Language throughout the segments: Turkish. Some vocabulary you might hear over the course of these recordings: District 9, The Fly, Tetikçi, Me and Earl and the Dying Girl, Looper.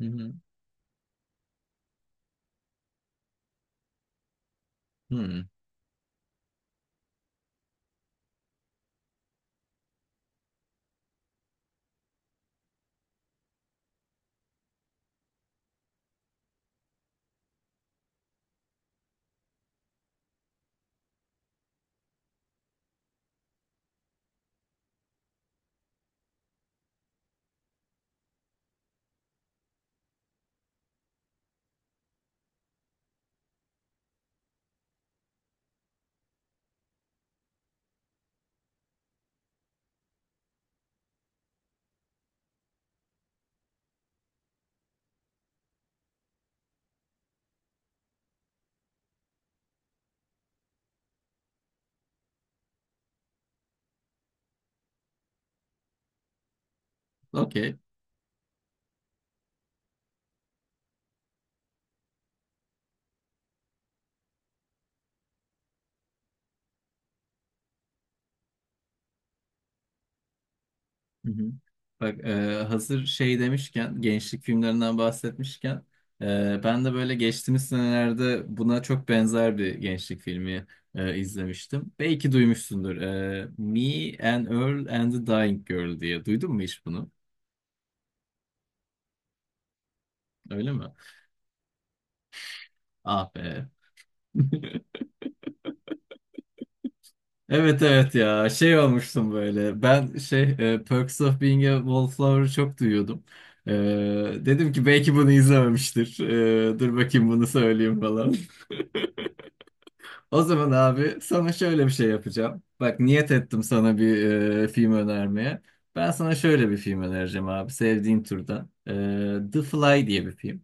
Hı hı. Hı. Okey. Hı hı. Bak hazır şey demişken gençlik filmlerinden bahsetmişken ben de böyle geçtiğimiz senelerde buna çok benzer bir gençlik filmi izlemiştim. Belki duymuşsundur. Me and Earl and the Dying Girl diye. Duydun mu hiç bunu? Öyle mi? Ah be. Evet, evet ya şey olmuştum böyle ben şey Perks of Being a Wallflower'ı çok duyuyordum. E, Dedim ki belki bunu izlememiştir. Dur bakayım bunu söyleyeyim falan. O zaman abi sana şöyle bir şey yapacağım. Bak niyet ettim sana bir film önermeye. Ben sana şöyle bir film önereceğim abi sevdiğin türden. The Fly diye bir film.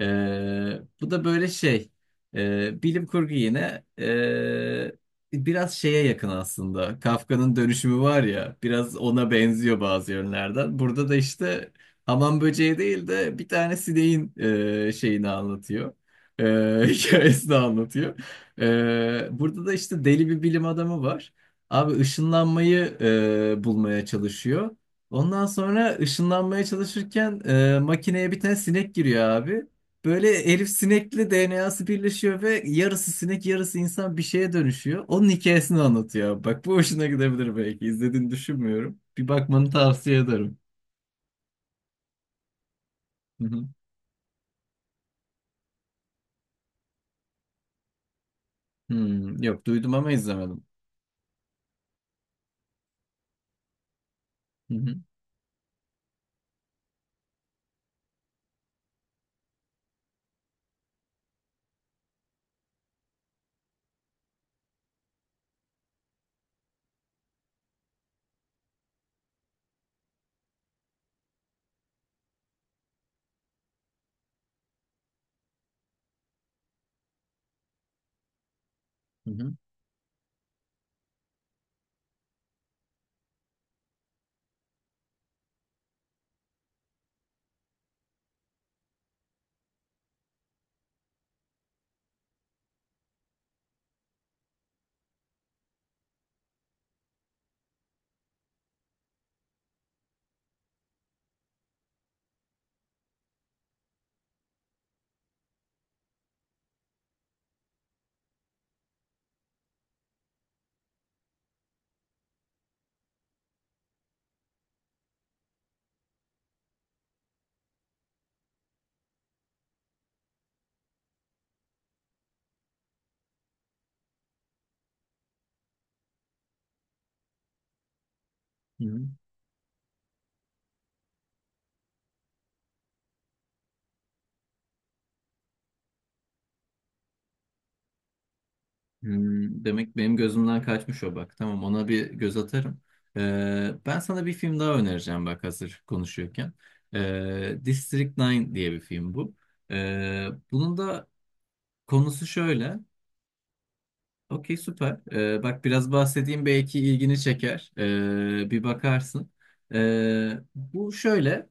Bu da böyle şey bilim kurgu yine biraz şeye yakın aslında. Kafka'nın dönüşümü var ya biraz ona benziyor bazı yönlerden. Burada da işte hamam böceği değil de bir tane sineğin şeyini anlatıyor. Ee, hikayesini anlatıyor. Burada da işte deli bir bilim adamı var. Abi ışınlanmayı bulmaya çalışıyor. Ondan sonra ışınlanmaya çalışırken makineye bir tane sinek giriyor abi. Böyle Elif sinekli DNA'sı birleşiyor ve yarısı sinek yarısı insan bir şeye dönüşüyor. Onun hikayesini anlatıyor. Bak bu hoşuna gidebilir belki. İzlediğini düşünmüyorum. Bir bakmanı tavsiye ederim. Hı hı. Hmm, yok, duydum ama izlemedim. Hı hı. Hı hı. Hı hı. Demek benim gözümden kaçmış o bak. Tamam, ona bir göz atarım. Ben sana bir film daha önereceğim bak hazır konuşuyorken. District 9 diye bir film bu. Bunun da konusu şöyle. Okey, süper. Bak biraz bahsedeyim belki ilgini çeker. Bir bakarsın. Bu şöyle.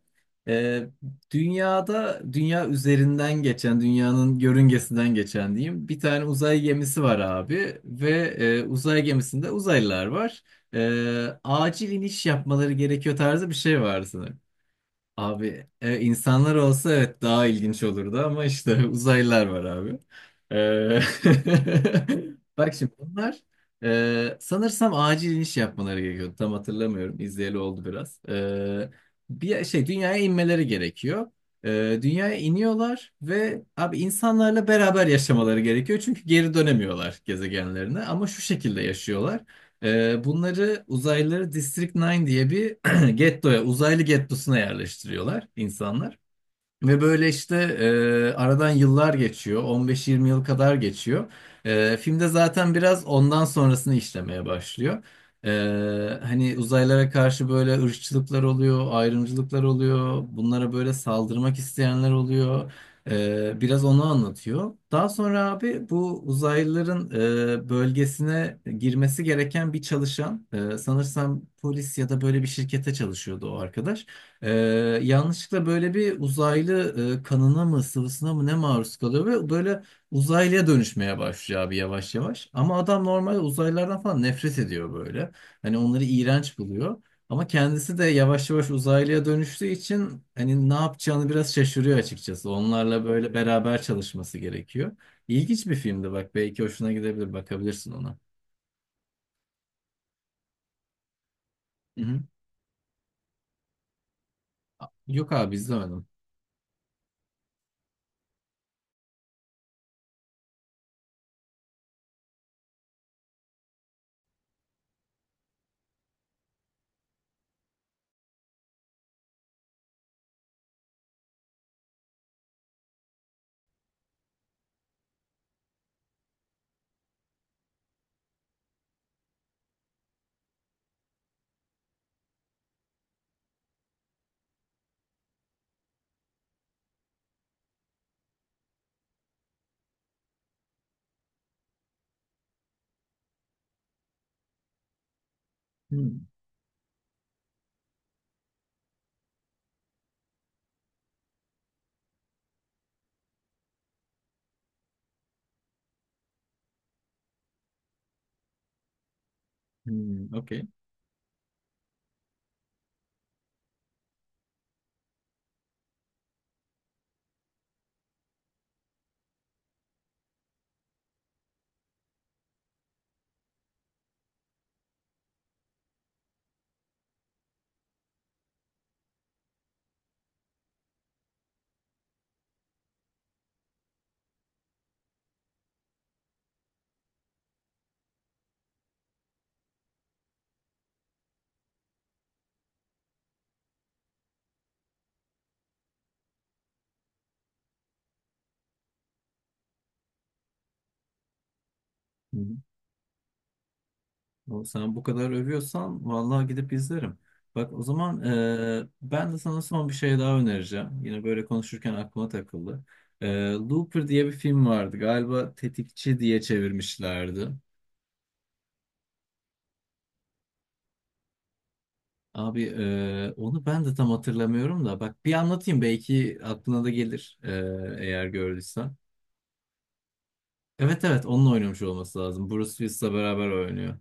Ee, Dünyada dünya üzerinden geçen, dünyanın yörüngesinden geçen diyeyim. Bir tane uzay gemisi var abi ve uzay gemisinde uzaylılar var. Acil iniş yapmaları gerekiyor tarzı bir şey var. Abi insanlar olsa evet daha ilginç olurdu ama işte uzaylılar var abi. Ee, Bak şimdi bunlar sanırsam acil iniş yapmaları gerekiyordu. Tam hatırlamıyorum. İzleyeli oldu biraz. Bir şey dünyaya inmeleri gerekiyor. Dünyaya iniyorlar ve abi insanlarla beraber yaşamaları gerekiyor. Çünkü geri dönemiyorlar gezegenlerine ama şu şekilde yaşıyorlar. Bunları uzaylıları District 9 diye bir gettoya, uzaylı gettosuna yerleştiriyorlar insanlar. Ve böyle işte aradan yıllar geçiyor. 15-20 yıl kadar geçiyor. Filmde zaten biraz ondan sonrasını işlemeye başlıyor. Hani uzaylara karşı böyle ırkçılıklar oluyor, ayrımcılıklar oluyor. Bunlara böyle saldırmak isteyenler oluyor. Biraz onu anlatıyor. Daha sonra abi bu uzaylıların bölgesine girmesi gereken bir çalışan, sanırsam polis ya da böyle bir şirkete çalışıyordu o arkadaş. Ee, Yanlışlıkla böyle bir uzaylı kanına mı sıvısına mı ne maruz kalıyor ve böyle uzaylıya dönüşmeye başlıyor abi yavaş yavaş. Ama adam normal uzaylılardan falan nefret ediyor böyle. Hani onları iğrenç buluyor. Ama kendisi de yavaş yavaş uzaylıya dönüştüğü için hani ne yapacağını biraz şaşırıyor açıkçası. Onlarla böyle beraber çalışması gerekiyor. İlginç bir filmdi bak belki hoşuna gidebilir bakabilirsin ona. Hı hı. Yok abi izlemedim. Hı. Hı, okey. Hı. O, sen bu kadar övüyorsan vallahi gidip izlerim. Bak o zaman ben de sana son bir şey daha önereceğim. Yine böyle konuşurken aklıma takıldı. Looper diye bir film vardı. Galiba Tetikçi diye çevirmişlerdi. Abi onu ben de tam hatırlamıyorum da. Bak bir anlatayım belki aklına da gelir eğer gördüysen. Evet, evet onunla oynamış olması lazım. Bruce Willis'le beraber oynuyor.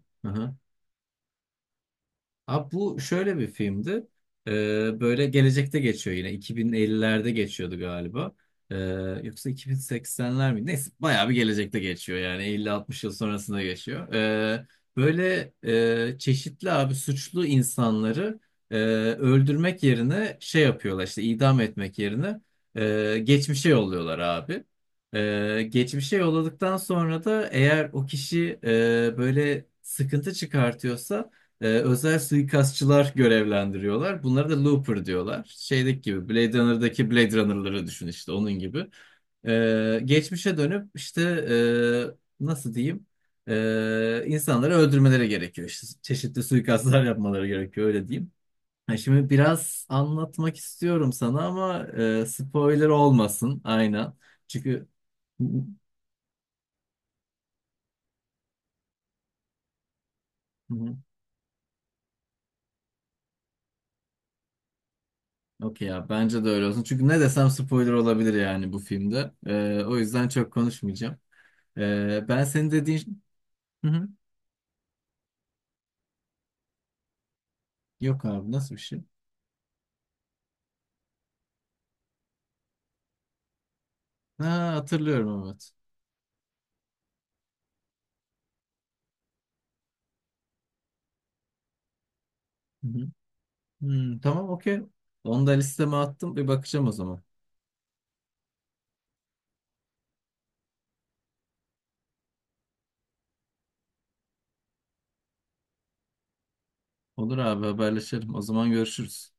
Abi bu şöyle bir filmdi. Böyle gelecekte geçiyor yine. 2050'lerde geçiyordu galiba. Ee, Yoksa 2080'ler mi? Neyse bayağı bir gelecekte geçiyor yani. 50-60 yıl sonrasında geçiyor. Böyle çeşitli abi suçlu insanları e, öldürmek yerine şey yapıyorlar işte idam etmek yerine geçmişe yolluyorlar abi. Geçmişe yolladıktan sonra da eğer o kişi böyle sıkıntı çıkartıyorsa özel suikastçılar görevlendiriyorlar. Bunlara da Looper diyorlar. Şeydeki gibi Blade Runner'daki Blade Runner'ları düşün işte onun gibi. Geçmişe dönüp işte nasıl diyeyim. İnsanları öldürmeleri gerekiyor. İşte çeşitli suikastlar yapmaları gerekiyor öyle diyeyim. Ha, şimdi biraz anlatmak istiyorum sana ama spoiler olmasın aynen. Çünkü. Hı hı. Okey ya bence de öyle olsun. Çünkü ne desem spoiler olabilir yani bu filmde. O yüzden çok konuşmayacağım. Ben senin dediğin... Hı hı. Yok abi nasıl bir şey? Ha, hatırlıyorum evet. Hı hı. Hmm, tamam, okey. Onu da listeme attım. Bir bakacağım o zaman. Olur abi haberleşelim. O zaman görüşürüz.